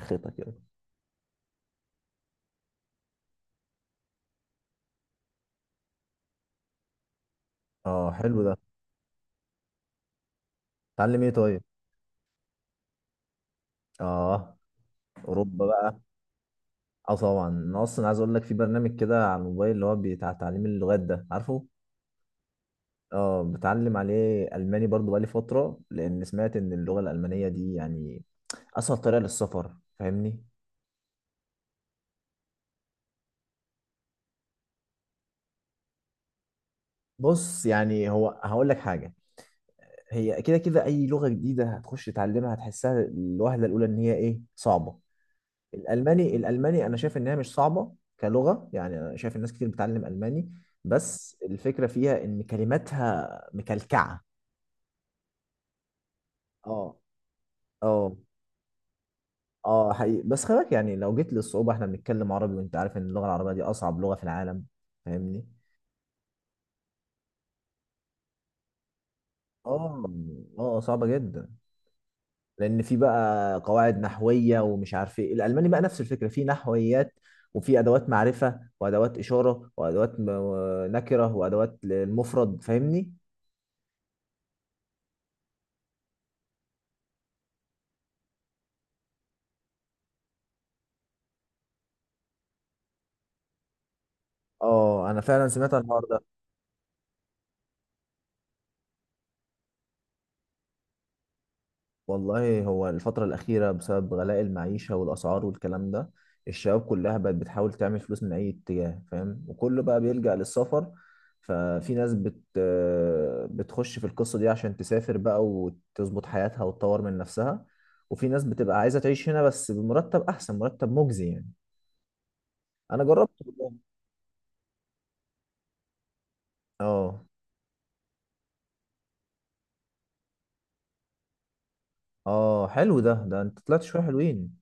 خيطة كده. اه، حلو ده. اتعلم ايه طيب؟ اه، اوروبا بقى. اه طبعا، انا اصلا عايز اقول لك في برنامج كده على الموبايل اللي هو بتاع تعليم اللغات ده، عارفه؟ اه، بتعلم عليه الماني برضو بقالي فتره، لان سمعت ان اللغه الالمانيه دي يعني اسهل طريقه للسفر، فاهمني؟ بص، يعني هقول لك حاجه. هي كده كده اي لغه جديده هتخش تتعلمها هتحسها الوهله الاولى ان هي ايه؟ صعبه. الالماني انا شايف انها مش صعبه كلغه. يعني انا شايف الناس كتير بتتعلم الماني، بس الفكره فيها ان كلماتها مكلكعه. اه، اه، اه حقيقي. بس خلي بالك يعني لو جيت للصعوبه، احنا بنتكلم عربي وانت عارف ان اللغه العربيه دي اصعب لغه في العالم، فاهمني؟ اه، اه صعبه جدا. لان في بقى قواعد نحويه ومش عارف ايه، الالماني بقى نفس الفكره، في نحويات وفي ادوات معرفه وادوات اشاره نكره وادوات للمفرد، فاهمني؟ اه، انا فعلا سمعت عن الحوار ده. والله هو الفتره الاخيره بسبب غلاء المعيشه والاسعار والكلام ده، الشباب كلها بقت بتحاول تعمل فلوس من اي اتجاه، فاهم؟ وكله بقى بيلجأ للسفر. ففي ناس بت آه، بتخش في القصه دي عشان تسافر بقى وتظبط حياتها وتطور من نفسها، وفي ناس بتبقى عايزه تعيش هنا بس بمرتب احسن، مرتب مجزي يعني. انا جربت والله. اه، اه، حلو ده. ده انت طلعت شويه حلوين.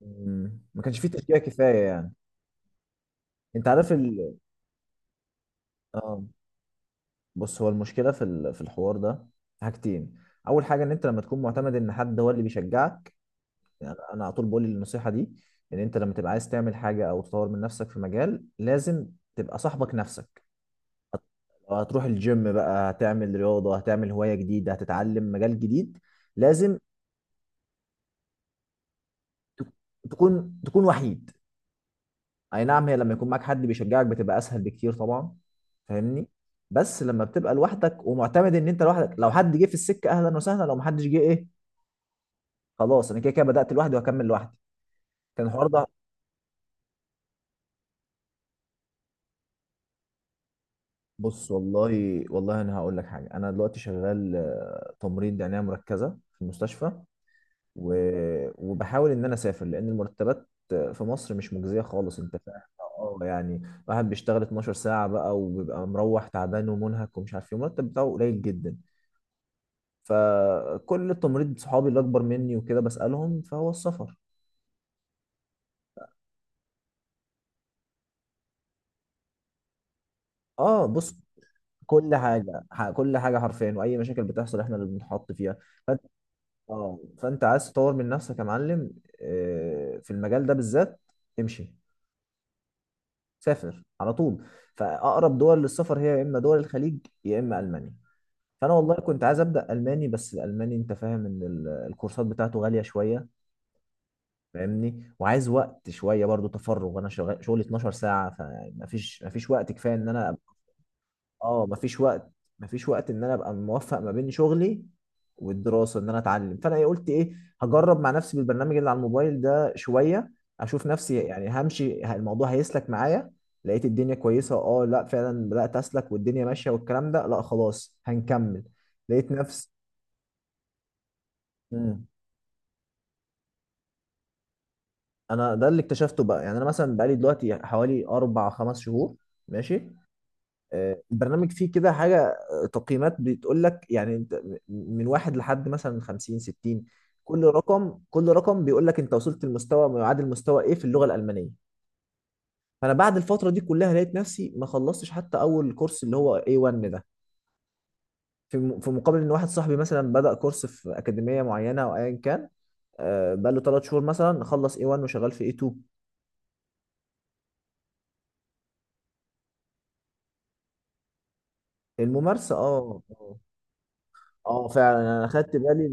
مم. ما كانش فيه تشجيع كفايه يعني. انت عارف ال... اه، بص، هو المشكله في الحوار ده حاجتين. اول حاجه ان انت لما تكون معتمد ان حد هو اللي بيشجعك. يعني انا على طول بقول النصيحه دي، ان انت لما تبقى عايز تعمل حاجه او تطور من نفسك في مجال، لازم تبقى صاحبك نفسك. لو هتروح الجيم بقى، هتعمل رياضه، هتعمل هوايه جديده، هتتعلم مجال جديد، لازم تكون وحيد. اي نعم، هي لما يكون معاك حد بيشجعك بتبقى اسهل بكتير طبعا، فاهمني؟ بس لما بتبقى لوحدك ومعتمد ان انت لوحدك، لو حد جه في السكه اهلا وسهلا، لو محدش جه ايه، خلاص، انا كده كده بدات لوحدي وهكمل لوحدي. كان الحوار ده. بص، والله والله انا هقول لك حاجه. انا دلوقتي شغال تمريض عنايه مركزه في المستشفى، و... وبحاول ان انا اسافر، لان المرتبات في مصر مش مجزيه خالص، انت فاهم؟ اه يعني، واحد بيشتغل 12 ساعه بقى وبيبقى مروح تعبان ومنهك ومش عارف ايه، المرتب بتاعه قليل جدا. فكل التمريض صحابي اللي اكبر مني وكده بسالهم فهو السفر. اه، بص، كل حاجه حرفيا واي مشاكل بتحصل احنا اللي بنتحط فيها. اه، فانت عايز تطور من نفسك يا معلم في المجال ده بالذات، امشي، سافر على طول. فاقرب دول للسفر هي يا اما دول الخليج يا اما المانيا. فانا والله كنت عايز ابدا الماني، بس الالماني انت فاهم ان الكورسات بتاعته غاليه شويه، فاهمني؟ وعايز وقت شويه برضو تفرغ، انا شغال شغلي 12 ساعه، فمفيش وقت كفايه ان انا، اه مفيش وقت، مفيش وقت ان انا ابقى موفق ما بين شغلي والدراسه ان انا اتعلم. فانا إيه قلت ايه، هجرب مع نفسي بالبرنامج اللي على الموبايل ده شويه، اشوف نفسي. يعني همشي، الموضوع هيسلك معايا، لقيت الدنيا كويسه اه، لا فعلا بدات اسلك والدنيا ماشيه والكلام ده، لا خلاص هنكمل. لقيت نفسي، مم. انا ده اللي اكتشفته بقى. يعني انا مثلا بقالي دلوقتي حوالي 4 5 شهور ماشي. البرنامج فيه كده حاجة، تقييمات بتقول لك يعني انت من واحد لحد مثلا 50 60، كل رقم، كل رقم بيقول لك انت وصلت لمستوى ما يعادل مستوى ايه في اللغة الألمانية. فأنا بعد الفترة دي كلها لقيت نفسي ما خلصتش حتى أول كورس اللي هو A1 ده، في مقابل إن واحد صاحبي مثلا بدأ كورس في أكاديمية معينة أو أيا كان، بقى له 3 شهور مثلا خلص A1 وشغال في A2. الممارسة، اه اه. فعلا أنا أخدت بالي.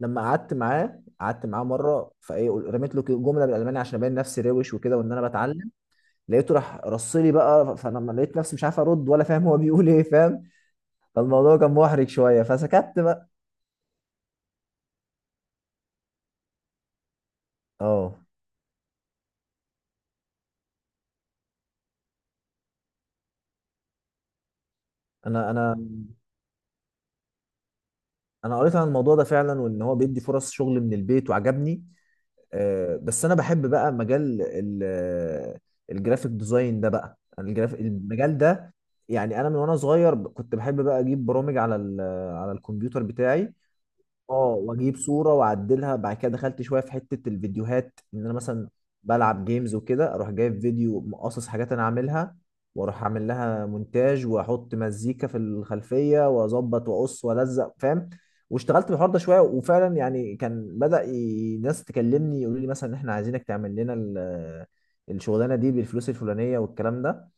لما قعدت معاه مره، فايه رميت له جمله بالالماني عشان ابين نفسي روش وكده وان انا بتعلم. لقيته راح رصلي بقى، فلما لقيت نفسي مش عارف ارد ولا فاهم هو بيقول ايه، فاهم؟ فالموضوع كان محرج شويه فسكت بقى. اه، انا انا قريت عن الموضوع ده فعلا، وان هو بيدي فرص شغل من البيت وعجبني. بس انا بحب بقى مجال الجرافيك ديزاين ده بقى، أنا الجراف المجال ده. يعني انا من وانا صغير كنت بحب بقى اجيب برامج على الكمبيوتر بتاعي. اه، واجيب صوره واعدلها. بعد كده دخلت شويه في حته الفيديوهات، ان انا مثلا بلعب جيمز وكده اروح جايب فيديو مقصص حاجات انا عاملها، واروح اعمل لها مونتاج واحط مزيكا في الخلفيه واظبط واقص والزق، فاهم؟ واشتغلت في الحوار ده شويه، وفعلا يعني كان بدأ ناس تكلمني يقولوا لي مثلا ان احنا عايزينك تعمل لنا الشغلانه دي بالفلوس الفلانيه والكلام ده.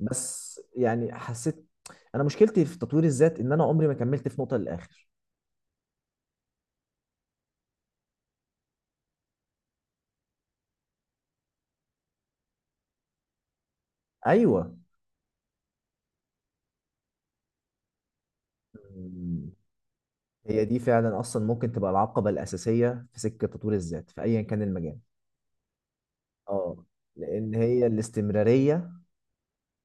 بس يعني حسيت، انا مشكلتي في تطوير الذات ان انا عمري ما كملت في نقطه للاخر. ايوه، مم. هي دي فعلا اصلا ممكن تبقى العقبه الاساسيه في سكه تطوير الذات في ايا كان المجال. اه، لان هي الاستمراريه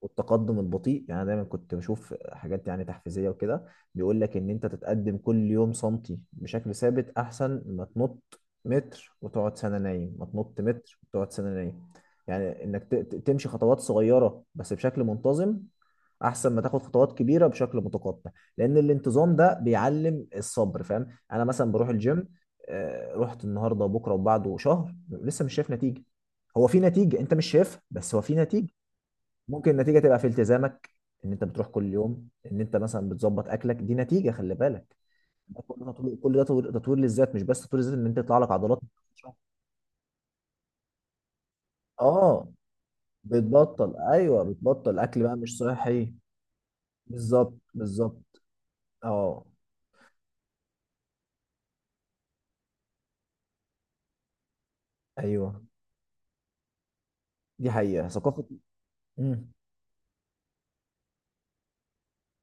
والتقدم البطيء. يعني أنا دايما كنت بشوف حاجات يعني تحفيزيه وكده، بيقول لك ان انت تتقدم كل يوم سنتي بشكل ثابت احسن ما تنط متر وتقعد سنه نايم، ما تنط متر وتقعد سنه نايم. يعني انك تمشي خطوات صغيره بس بشكل منتظم احسن ما تاخد خطوات كبيره بشكل متقطع، لان الانتظام ده بيعلم الصبر، فاهم؟ انا مثلا بروح الجيم، رحت النهارده وبكره وبعده شهر لسه مش شايف نتيجه. هو في نتيجه انت مش شايفها، بس هو في نتيجه. ممكن النتيجه تبقى في التزامك، ان انت بتروح كل يوم، ان انت مثلا بتظبط اكلك، دي نتيجه، خلي بالك. ده كل ده تطوير، كل ده تطوير، تطوير للذات، مش بس تطوير للذات ان انت يطلع لك عضلات. اه، بتبطل، ايوه بتبطل اكل بقى مش صحي. بالظبط، بالظبط. اه، ايوه، دي حقيقه ثقافه. امم.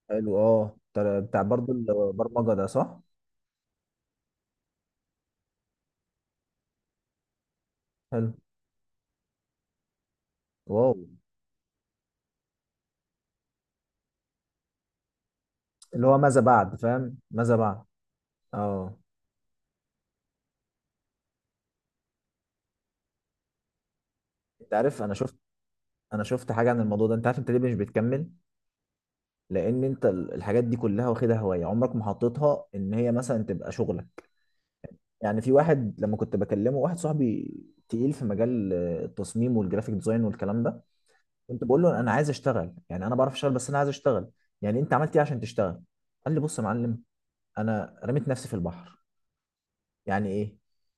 حلو، اه، بتاع برضو البرمجه ده صح. حلو. واو. اللي هو ماذا بعد، فاهم؟ ماذا بعد. اه، انت عارف انا شفت، انا شفت حاجه عن الموضوع ده. انت عارف انت ليه مش بتكمل؟ لان انت الحاجات دي كلها واخدها هوايه، عمرك ما حطيتها ان هي مثلا تبقى شغلك. يعني في واحد لما كنت بكلمه، واحد صاحبي تقيل في مجال التصميم والجرافيك ديزاين والكلام ده، كنت بقول له انا عايز اشتغل. يعني انا بعرف اشتغل بس انا عايز اشتغل. يعني انت عملت ايه عشان تشتغل؟ قال لي بص يا معلم، انا رميت نفسي في البحر. يعني ايه؟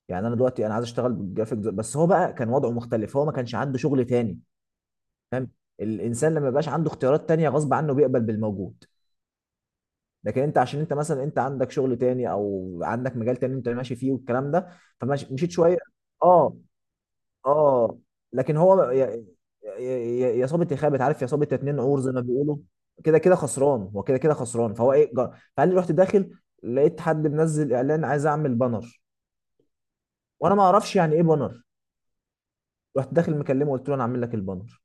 يعني انا دلوقتي انا عايز اشتغل بالجرافيك ديزاين، بس هو بقى كان وضعه مختلف، هو ما كانش عنده شغل تاني، فاهم؟ الانسان لما يبقاش عنده اختيارات تانية غصب عنه بيقبل بالموجود. لكن انت، عشان انت مثلا انت عندك شغل تاني او عندك مجال تاني انت ماشي فيه والكلام ده، فمشيت شويه. اه، اه. لكن هو، يا يا صابت يا خابت، عارف؟ يا صابت يا اتنين عور زي ما بيقولوا. كده كده خسران، هو كده كده خسران. فهو ايه، فقال لي رحت داخل، لقيت حد منزل اعلان عايز اعمل بانر، وانا ما اعرفش يعني ايه بانر. رحت داخل مكلمه قلت له انا اعمل لك البانر.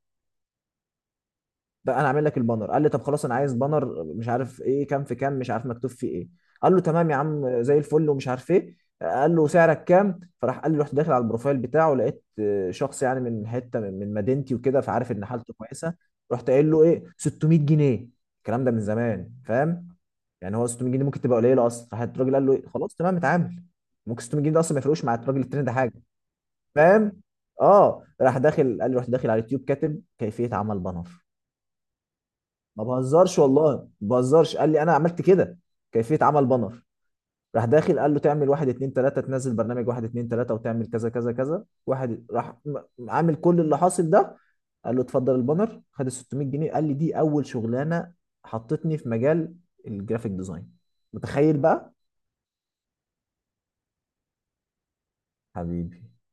بقى انا عامل لك البانر. قال لي طب خلاص انا عايز بانر مش عارف ايه، كام في كام مش عارف مكتوب فيه ايه. قال له تمام يا عم زي الفل ومش عارف ايه. قال له سعرك كام؟ فراح قال لي رحت داخل على البروفايل بتاعه، لقيت شخص يعني من حته، من مدينتي وكده، فعارف ان حالته كويسه. رحت قايل له ايه، 600 جنيه. الكلام ده من زمان، فاهم؟ يعني هو 600 جنيه ممكن تبقى قليله اصلا. راح الراجل قال له إيه؟ خلاص تمام اتعامل. ممكن 600 جنيه ده اصلا ما يفرقوش مع الراجل التاني ده حاجه، فاهم؟ اه راح داخل. قال لي رحت داخل على اليوتيوب كاتب كيفيه عمل بانر. ما بهزرش والله ما بهزرش. قال لي انا عملت كده، كيفيه عمل بانر. راح داخل قال له تعمل واحد اتنين تلاته، تنزل برنامج واحد اتنين تلاته، وتعمل كذا كذا كذا. واحد راح م- عامل كل اللي حاصل ده. قال له اتفضل البانر، خد ال 600 جنيه. قال لي دي اول شغلانه حطتني في مجال الجرافيك ديزاين، متخيل بقى؟ حبيبي.